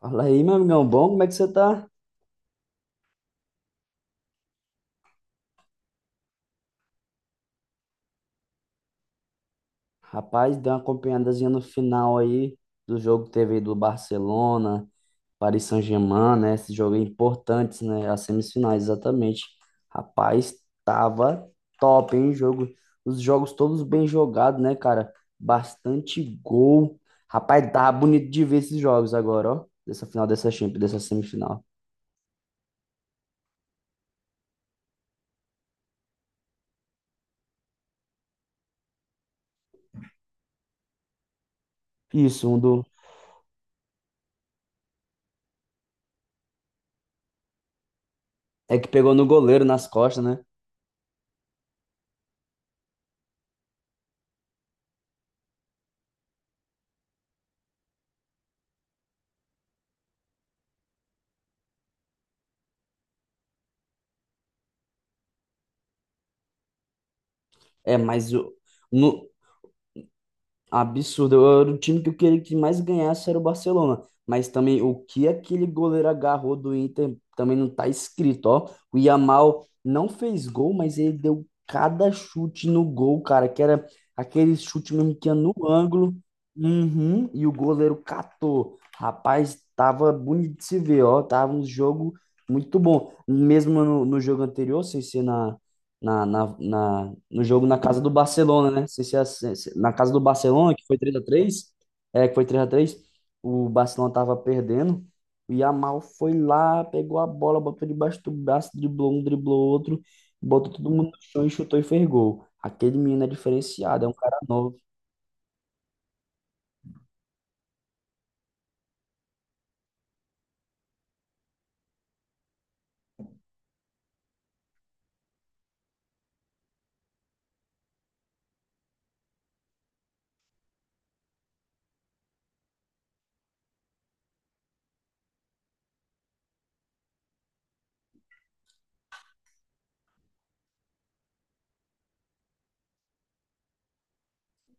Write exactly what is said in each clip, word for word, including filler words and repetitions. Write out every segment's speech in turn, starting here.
Fala aí, meu amigão, bom? Como é que você tá? Rapaz, deu uma acompanhadazinha no final aí do jogo que teve aí do Barcelona, Paris Saint-Germain, né? Esses jogos importantes, né? As semifinais, exatamente. Rapaz, tava top, hein? Jogo, os jogos todos bem jogados, né, cara? Bastante gol. Rapaz, tava bonito de ver esses jogos agora, ó. Dessa final, dessa Champions, dessa semifinal. Isso, um do... É, que pegou no goleiro, nas costas, né? É, mas o... no- Absurdo. Eu era o time que eu queria que mais ganhasse era o Barcelona. Mas também o que aquele goleiro agarrou do Inter também não tá escrito, ó. O Yamal não fez gol, mas ele deu cada chute no gol, cara, que era aquele chute mesmo que ia no ângulo. Uhum, e o goleiro catou. Rapaz, tava bonito de se ver, ó. Tava um jogo muito bom. Mesmo no, no jogo anterior, sem ser na, na, na, na- no jogo na casa do Barcelona, né? Se, se, É assim, se, na casa do Barcelona, que foi três a três. É, que foi três a três, o Barcelona tava perdendo. O Yamal foi lá, pegou a bola, botou debaixo do braço, driblou um, driblou outro, botou todo mundo no chão e chutou e fez gol. Aquele menino é diferenciado, é um cara.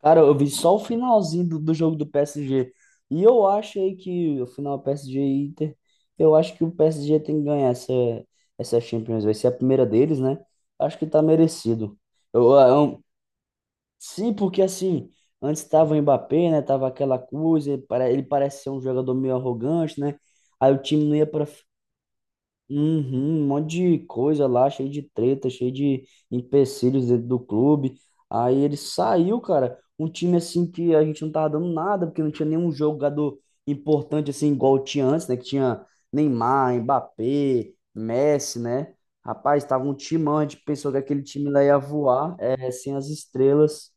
Cara, eu vi só o finalzinho do, do jogo do P S G. E eu acho aí que o final P S G e Inter, eu acho que o P S G tem que ganhar essa, essa, Champions. Vai ser a primeira deles, né? Acho que tá merecido. Eu, eu- sim, porque assim, antes tava o Mbappé, né? Tava aquela coisa, ele pare- ele parece ser um jogador meio arrogante, né? Aí o time não ia para... Uhum, um monte de coisa lá, cheio de treta, cheio de empecilhos dentro do clube. Aí ele saiu, cara, um time assim que a gente não tava dando nada, porque não tinha nenhum jogador importante assim, igual tinha antes, né? Que tinha Neymar, Mbappé, Messi, né? Rapaz, tava um timão, a gente pensou que aquele time lá ia voar, é, sem as estrelas.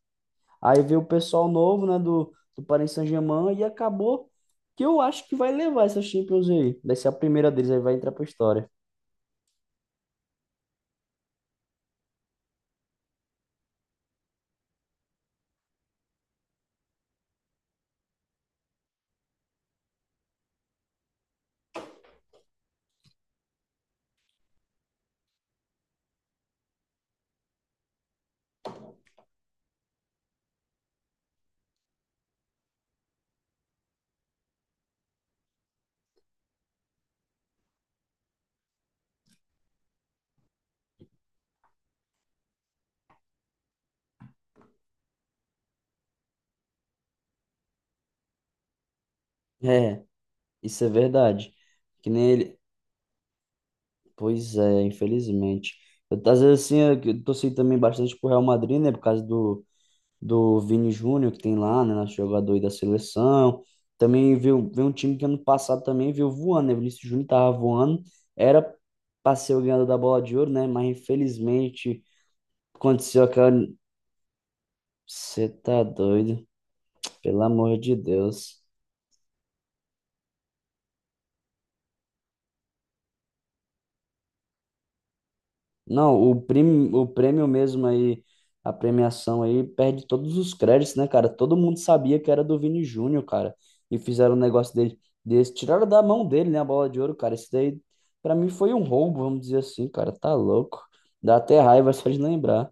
Aí veio o pessoal novo, né, do, do Paris Saint-Germain, e acabou que eu acho que vai levar essa Champions aí. Vai ser a primeira deles, aí vai entrar pra história. É, isso é verdade. Que nem ele. Pois é, infelizmente. Eu, às vezes, assim, eu eu torci também bastante pro Real Madrid, né? Por causa do, do Vini Júnior que tem lá, né? Nosso jogador aí da seleção. Também veio, veio um time que ano passado também veio voando, né? Vinícius Júnior tava voando. Era pra ser o ganhador da bola de ouro, né? Mas infelizmente aconteceu aquela... Você tá doido? Pelo amor de Deus. Não, o, prim, o prêmio mesmo aí, a premiação aí, perde todos os créditos, né, cara? Todo mundo sabia que era do Vini Júnior, cara. E fizeram um negócio dele, desse, tiraram da mão dele, né, a bola de ouro, cara. Isso daí, pra mim, foi um roubo, vamos dizer assim, cara. Tá louco. Dá até raiva só de lembrar.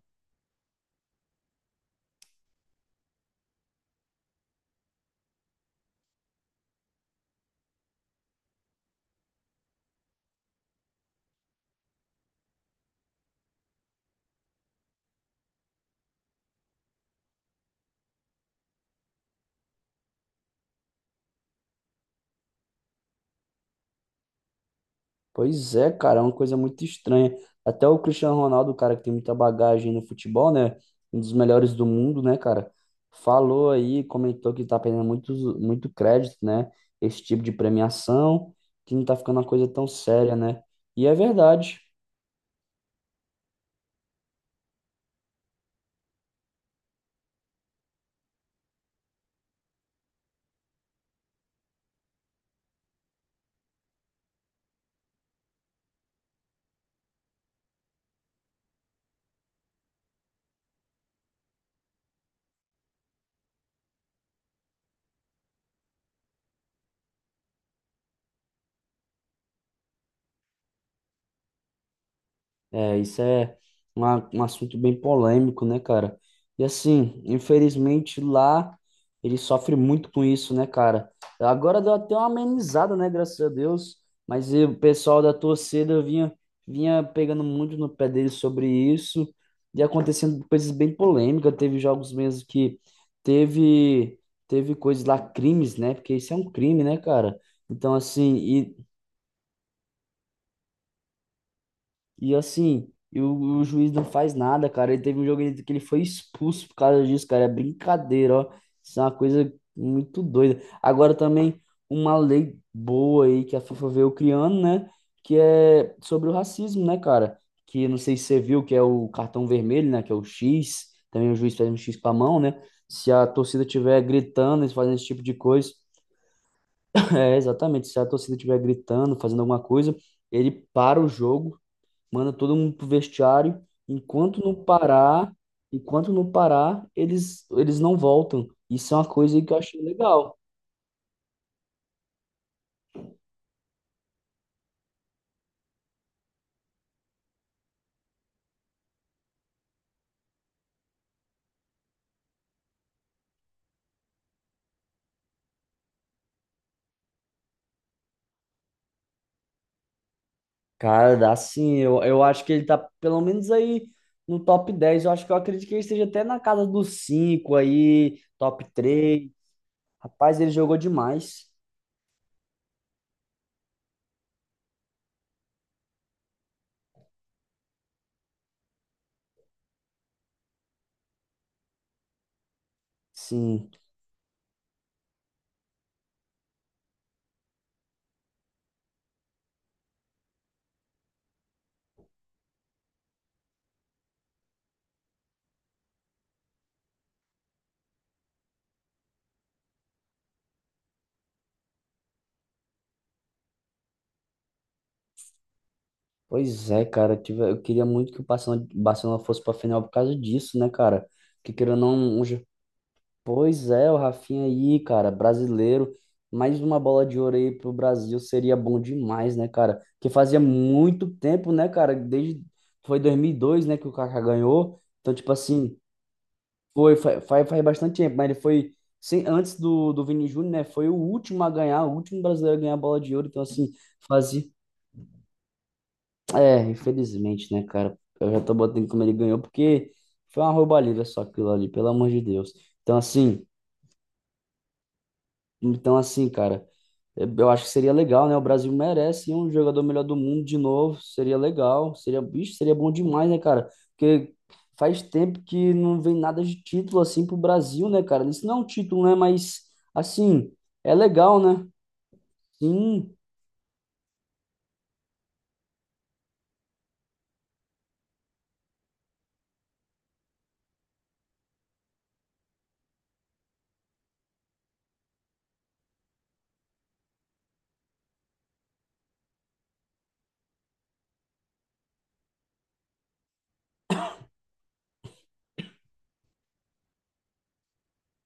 Pois é, cara, é uma coisa muito estranha. Até o Cristiano Ronaldo, cara, que tem muita bagagem no futebol, né? Um dos melhores do mundo, né, cara? Falou aí, comentou que tá perdendo muito, muito crédito, né? Esse tipo de premiação, que não tá ficando uma coisa tão séria, né? E é verdade. É, isso é uma- um assunto bem polêmico, né, cara? E assim, infelizmente lá ele sofre muito com isso, né, cara? Agora deu até uma amenizada, né, graças a Deus, mas e o pessoal da torcida vinha, vinha, pegando muito no pé dele sobre isso, e acontecendo coisas bem polêmicas. Teve jogos mesmo que teve, teve coisas lá, crimes, né? Porque isso é um crime, né, cara? Então, assim, e E assim, e o, o juiz não faz nada, cara. Ele teve um jogo que ele foi expulso por causa disso, cara. É brincadeira, ó. Isso é uma coisa muito doida. Agora também, uma lei boa aí que a FIFA veio criando, né? Que é sobre o racismo, né, cara? Que não sei se você viu, que é o cartão vermelho, né? Que é o X. Também o juiz faz um X com a mão, né? Se a torcida tiver gritando, eles fazem esse tipo de coisa. É, exatamente. Se a torcida estiver gritando, fazendo alguma coisa, ele para o jogo, manda todo mundo pro vestiário. Enquanto não parar, enquanto não parar, eles, eles não voltam. Isso é uma coisa que eu achei legal. Cara, dá sim, eu, eu acho que ele tá pelo menos aí no top dez. Eu acho que eu acredito que ele esteja até na casa dos cinco aí, top três. Rapaz, ele jogou demais. Sim. Pois é, cara. Eu, tive- eu queria muito que o Barcelona, Barcelona fosse pra final por causa disso, né, cara? Porque querendo ou não... Pois é, o Rafinha aí, cara, brasileiro. Mais uma bola de ouro aí pro Brasil seria bom demais, né, cara? Porque fazia muito tempo, né, cara? Desde, foi dois mil e dois, né, que o Kaká ganhou. Então, tipo assim, foi fa- faz, faz bastante tempo, mas ele foi, sem, antes do, do Vini Júnior, né? Foi o último a ganhar, o último brasileiro a ganhar a bola de ouro. Então, assim, fazia. É, infelizmente, né, cara? Eu já tô botando como ele ganhou, porque foi uma roubalheira só aquilo ali, pelo amor de Deus. Então, assim, então assim, cara. Eu acho que seria legal, né? O Brasil merece um jogador melhor do mundo de novo. Seria legal. Seria, bicho, seria bom demais, né, cara? Porque faz tempo que não vem nada de título assim pro Brasil, né, cara? Isso não é um título, né? Mas, assim, é legal, né? Sim.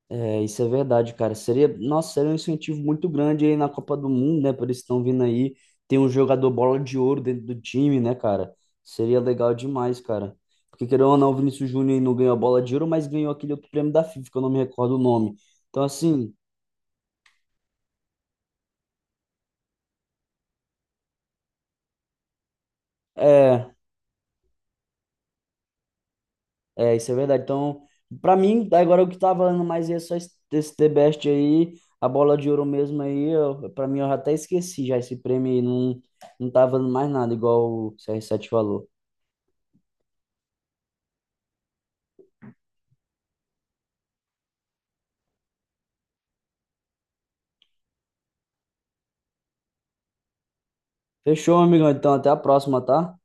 É, isso é verdade, cara. Seria, nossa, seria um incentivo muito grande aí na Copa do Mundo, né? Por eles estão vindo aí. Tem um jogador bola de ouro dentro do time, né, cara? Seria legal demais, cara. Porque querendo ou não, o Vinícius Júnior aí não ganhou a bola de ouro, mas ganhou aquele outro prêmio da FIFA, que eu não me recordo o nome. Então, assim, é, é, isso é verdade. Então, pra mim, agora o que tá valendo mais é só esse, esse, The Best aí, a bola de ouro mesmo aí. Eu, pra mim, eu até esqueci já esse prêmio aí, não, não tá valendo mais nada, igual o cê erre sete falou. Fechou, amigão. Então, até a próxima, tá?